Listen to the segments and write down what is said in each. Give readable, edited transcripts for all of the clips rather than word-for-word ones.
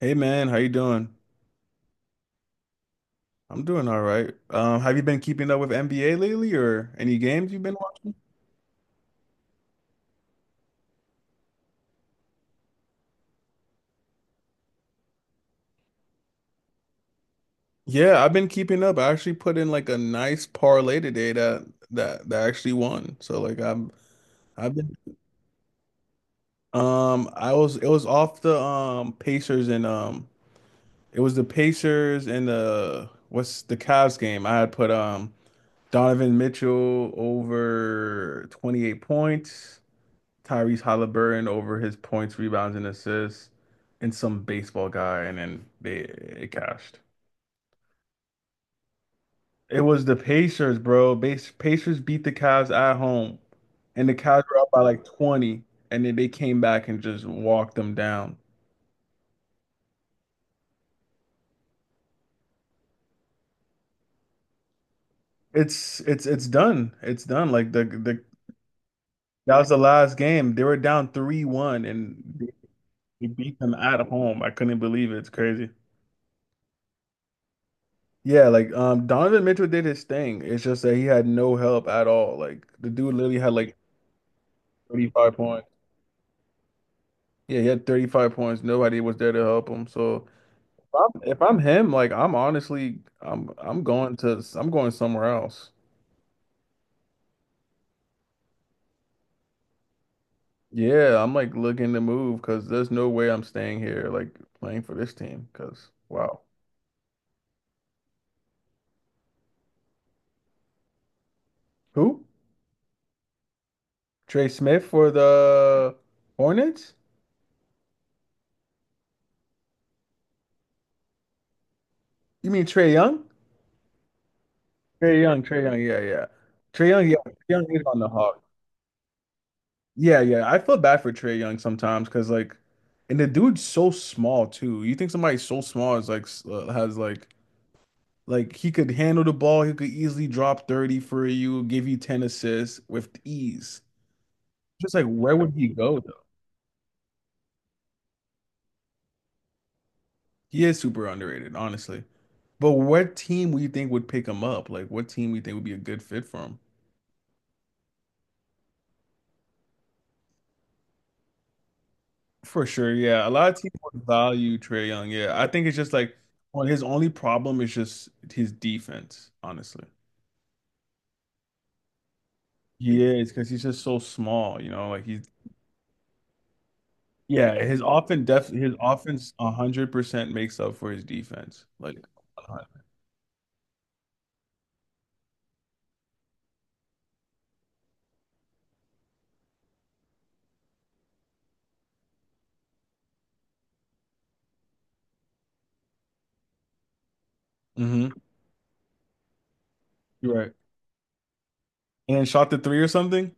Hey man, how you doing? I'm doing all right. Have you been keeping up with NBA lately or any games you've been watching? Yeah, I've been keeping up. I actually put in like a nice parlay today that actually won. So like I've been I was it was off the Pacers and it was the Pacers and the what's the Cavs game. I had put Donovan Mitchell over 28 points, Tyrese Halliburton over his points, rebounds, and assists, and some baseball guy, and then they it cashed. It was the Pacers, bro. Bas Pacers beat the Cavs at home, and the Cavs were up by like 20, and then they came back and just walked them down. It's done. It's done. Like the that was the last game. They were down 3-1 and they beat them at home. I couldn't believe it. It's crazy. Yeah, like Donovan Mitchell did his thing. It's just that he had no help at all. Like the dude literally had like 35 points. Yeah, he had 35 points. Nobody was there to help him. So if I'm him, like I'm honestly I'm going somewhere else. Yeah, I'm like looking to move because there's no way I'm staying here like playing for this team because wow. Who? Trey Smith for the Hornets? You mean Trey Young? Trey Young, yeah, yeah. Trey Young, yeah, Trey Young is on the Hawks. Yeah, yeah. I feel bad for Trey Young sometimes because like, and the dude's so small too. You think somebody so small is like has like he could handle the ball. He could easily drop 30 for you, give you 10 assists with ease. Just like where would he go though? He is super underrated, honestly. But what team would you think would pick him up? Like what team do you think would be a good fit for him? For sure, yeah. A lot of teams would value Trey Young. Yeah, I think it's just like well, his only problem is just his defense, honestly. He is because he's just so small, you know. Like he's yeah, his offense 100% makes up for his defense. Like, mm-hmm. You're right. And then shot the three or something.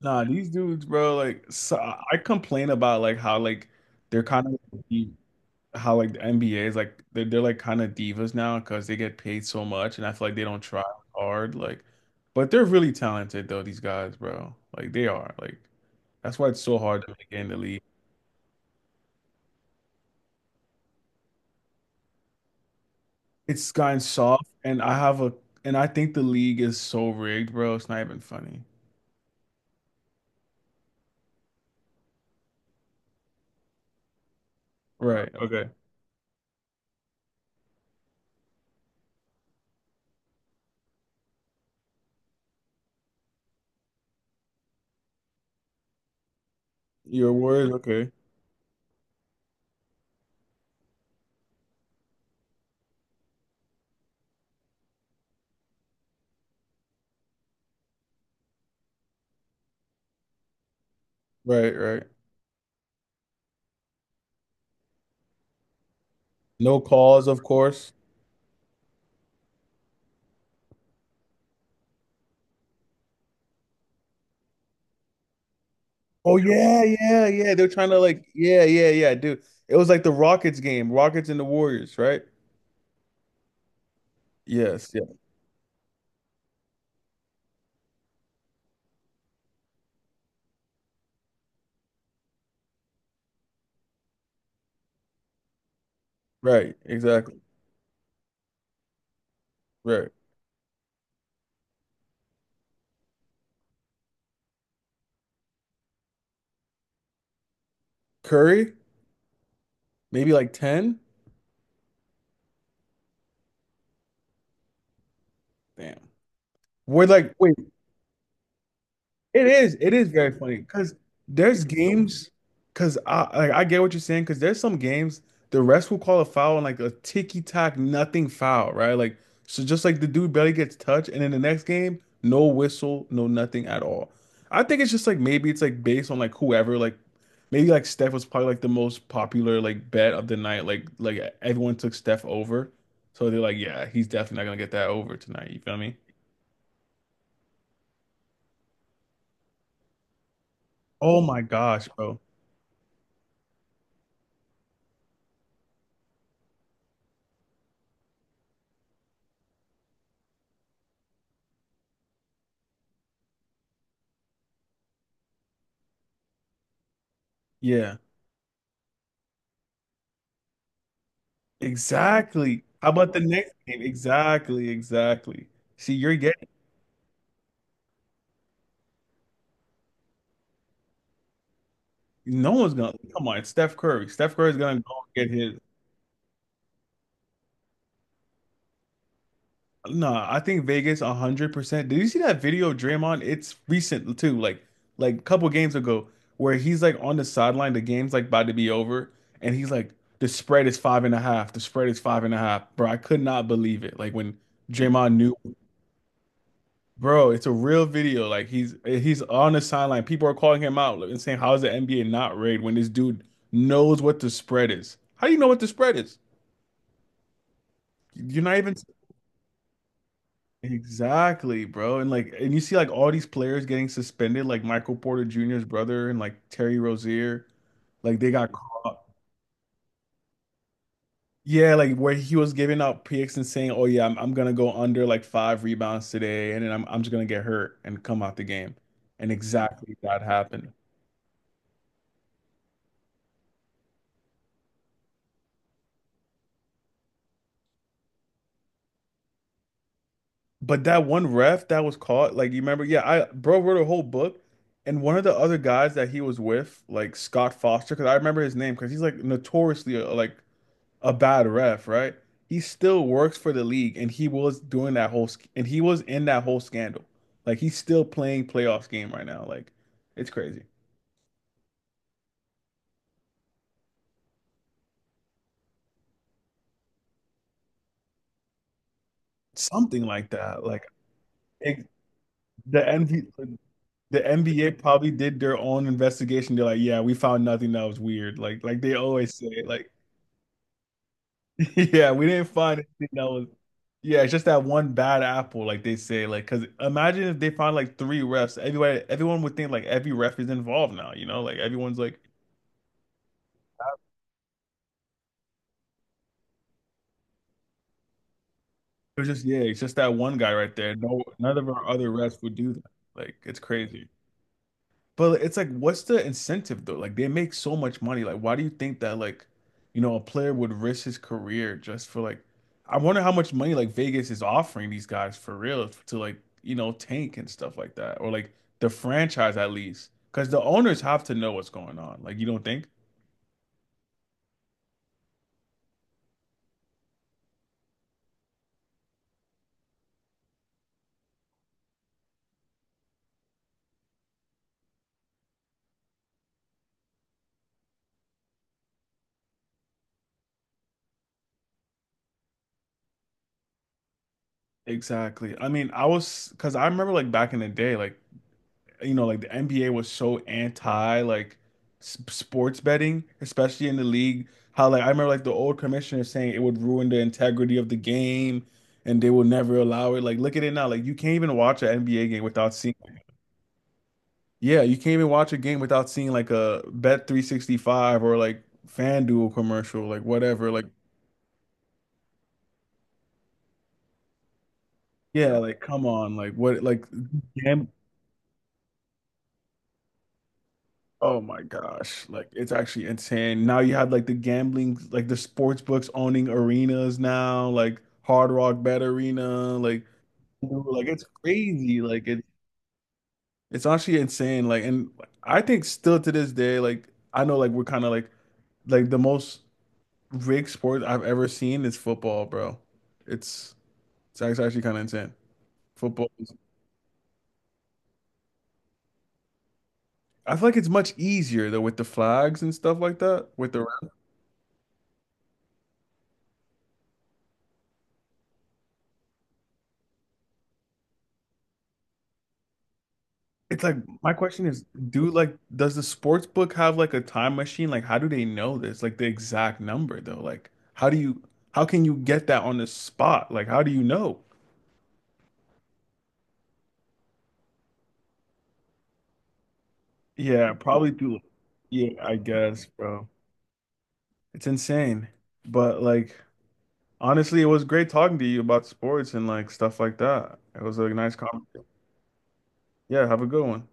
Nah, these dudes, bro. Like, so I complain about like how like they're kind of how like the NBA is like they're like kind of divas now because they get paid so much, and I feel like they don't try hard. Like, but they're really talented though. These guys, bro. Like they are. Like that's why it's so hard to make it in the league. It's gotten soft, and I think the league is so rigged, bro. It's not even funny. Right. Okay. Your words. Okay. Right. Right. No calls, of course. Oh yeah, yeah, yeah. They're trying to like, yeah, yeah, yeah, dude. It was like the Rockets game, Rockets and the Warriors, right? Yes. Yeah. Right. Exactly. Right. Curry, maybe like 10. Damn. We're like, wait, it is. It is very funny because there's games. Because I like I get what you're saying. Because there's some games the rest will call a foul and like a ticky tack nothing foul, right? Like so, just like the dude barely gets touched, and in the next game, no whistle, no nothing at all. I think it's just like maybe it's like based on like whoever like maybe like Steph was probably like the most popular like bet of the night. Like everyone took Steph over, so they're like, yeah, he's definitely not gonna get that over tonight. You feel me? Oh my gosh, bro. Yeah. Exactly. How about the next game? Exactly, exactly. See, you're getting no one's gonna come on. It's Steph Curry. Steph Curry's gonna go get his. No, I think Vegas 100%. Did you see that video of Draymond? It's recent too, like a couple games ago, where he's like on the sideline. The game's like about to be over, and he's like, "The spread is 5.5. The spread is five and a half." Bro, I could not believe it. Like when Draymond knew. Bro, it's a real video. Like he's on the sideline. People are calling him out and saying, "How is the NBA not rigged when this dude knows what the spread is? How do you know what the spread is? You're not even exactly, bro." And like, and you see like all these players getting suspended, like Michael Porter Jr.'s brother and like Terry Rozier, like they got caught. Yeah, like where he was giving out picks and saying, "Oh yeah, I'm gonna go under like five rebounds today, and then I'm just gonna get hurt and come out the game." And exactly that happened. But that one ref that was caught, like you remember, yeah, I bro wrote a whole book, and one of the other guys that he was with, like Scott Foster, because I remember his name, because he's like notoriously like a bad ref, right? He still works for the league, and he was doing that whole, sc- and he was in that whole scandal. Like he's still playing playoffs game right now. Like it's crazy. Something like that. Like it, the NBA, the NBA probably did their own investigation. They're like, yeah, we found nothing that was weird. Like they always say, like. Yeah, we didn't find anything that was. Yeah, it's just that one bad apple, like they say. Like, cause imagine if they found like three refs. Everyone would think like every ref is involved now. You know, like everyone's like, it was just yeah, it's just that one guy right there. No, none of our other refs would do that. Like, it's crazy. But like, it's like, what's the incentive though? Like they make so much money. Like, why do you think that like, you know, a player would risk his career just for like, I wonder how much money like Vegas is offering these guys for real to like, you know, tank and stuff like that, or like the franchise at least, because the owners have to know what's going on. Like, you don't think? Exactly. I mean, I was because I remember like back in the day, like you know, like the NBA was so anti like s sports betting, especially in the league. How like I remember like the old commissioner saying it would ruin the integrity of the game and they will never allow it. Like look at it now. Like you can't even watch an NBA game without seeing yeah, you can't even watch a game without seeing like a Bet 365 or like FanDuel commercial, like whatever. Like yeah, like come on. Like what like oh my gosh. Like it's actually insane. Now you have like the gambling, like the sports books owning arenas now, like Hard Rock Bet Arena, like dude, like it's crazy. It's actually insane. Like and I think still to this day, like I know like we're kind of like the most rigged sport I've ever seen is football, bro. It's it's actually kind of insane. Football is- I feel like it's much easier though with the flags and stuff like that, with the it's like my question is, do like does the sports book have like a time machine? Like how do they know this? Like the exact number though? Like how do you how can you get that on the spot? Like how do you know? Yeah, probably do. Yeah, I guess, bro. It's insane. But like honestly, it was great talking to you about sports and like stuff like that. It was a nice conversation. Yeah, have a good one.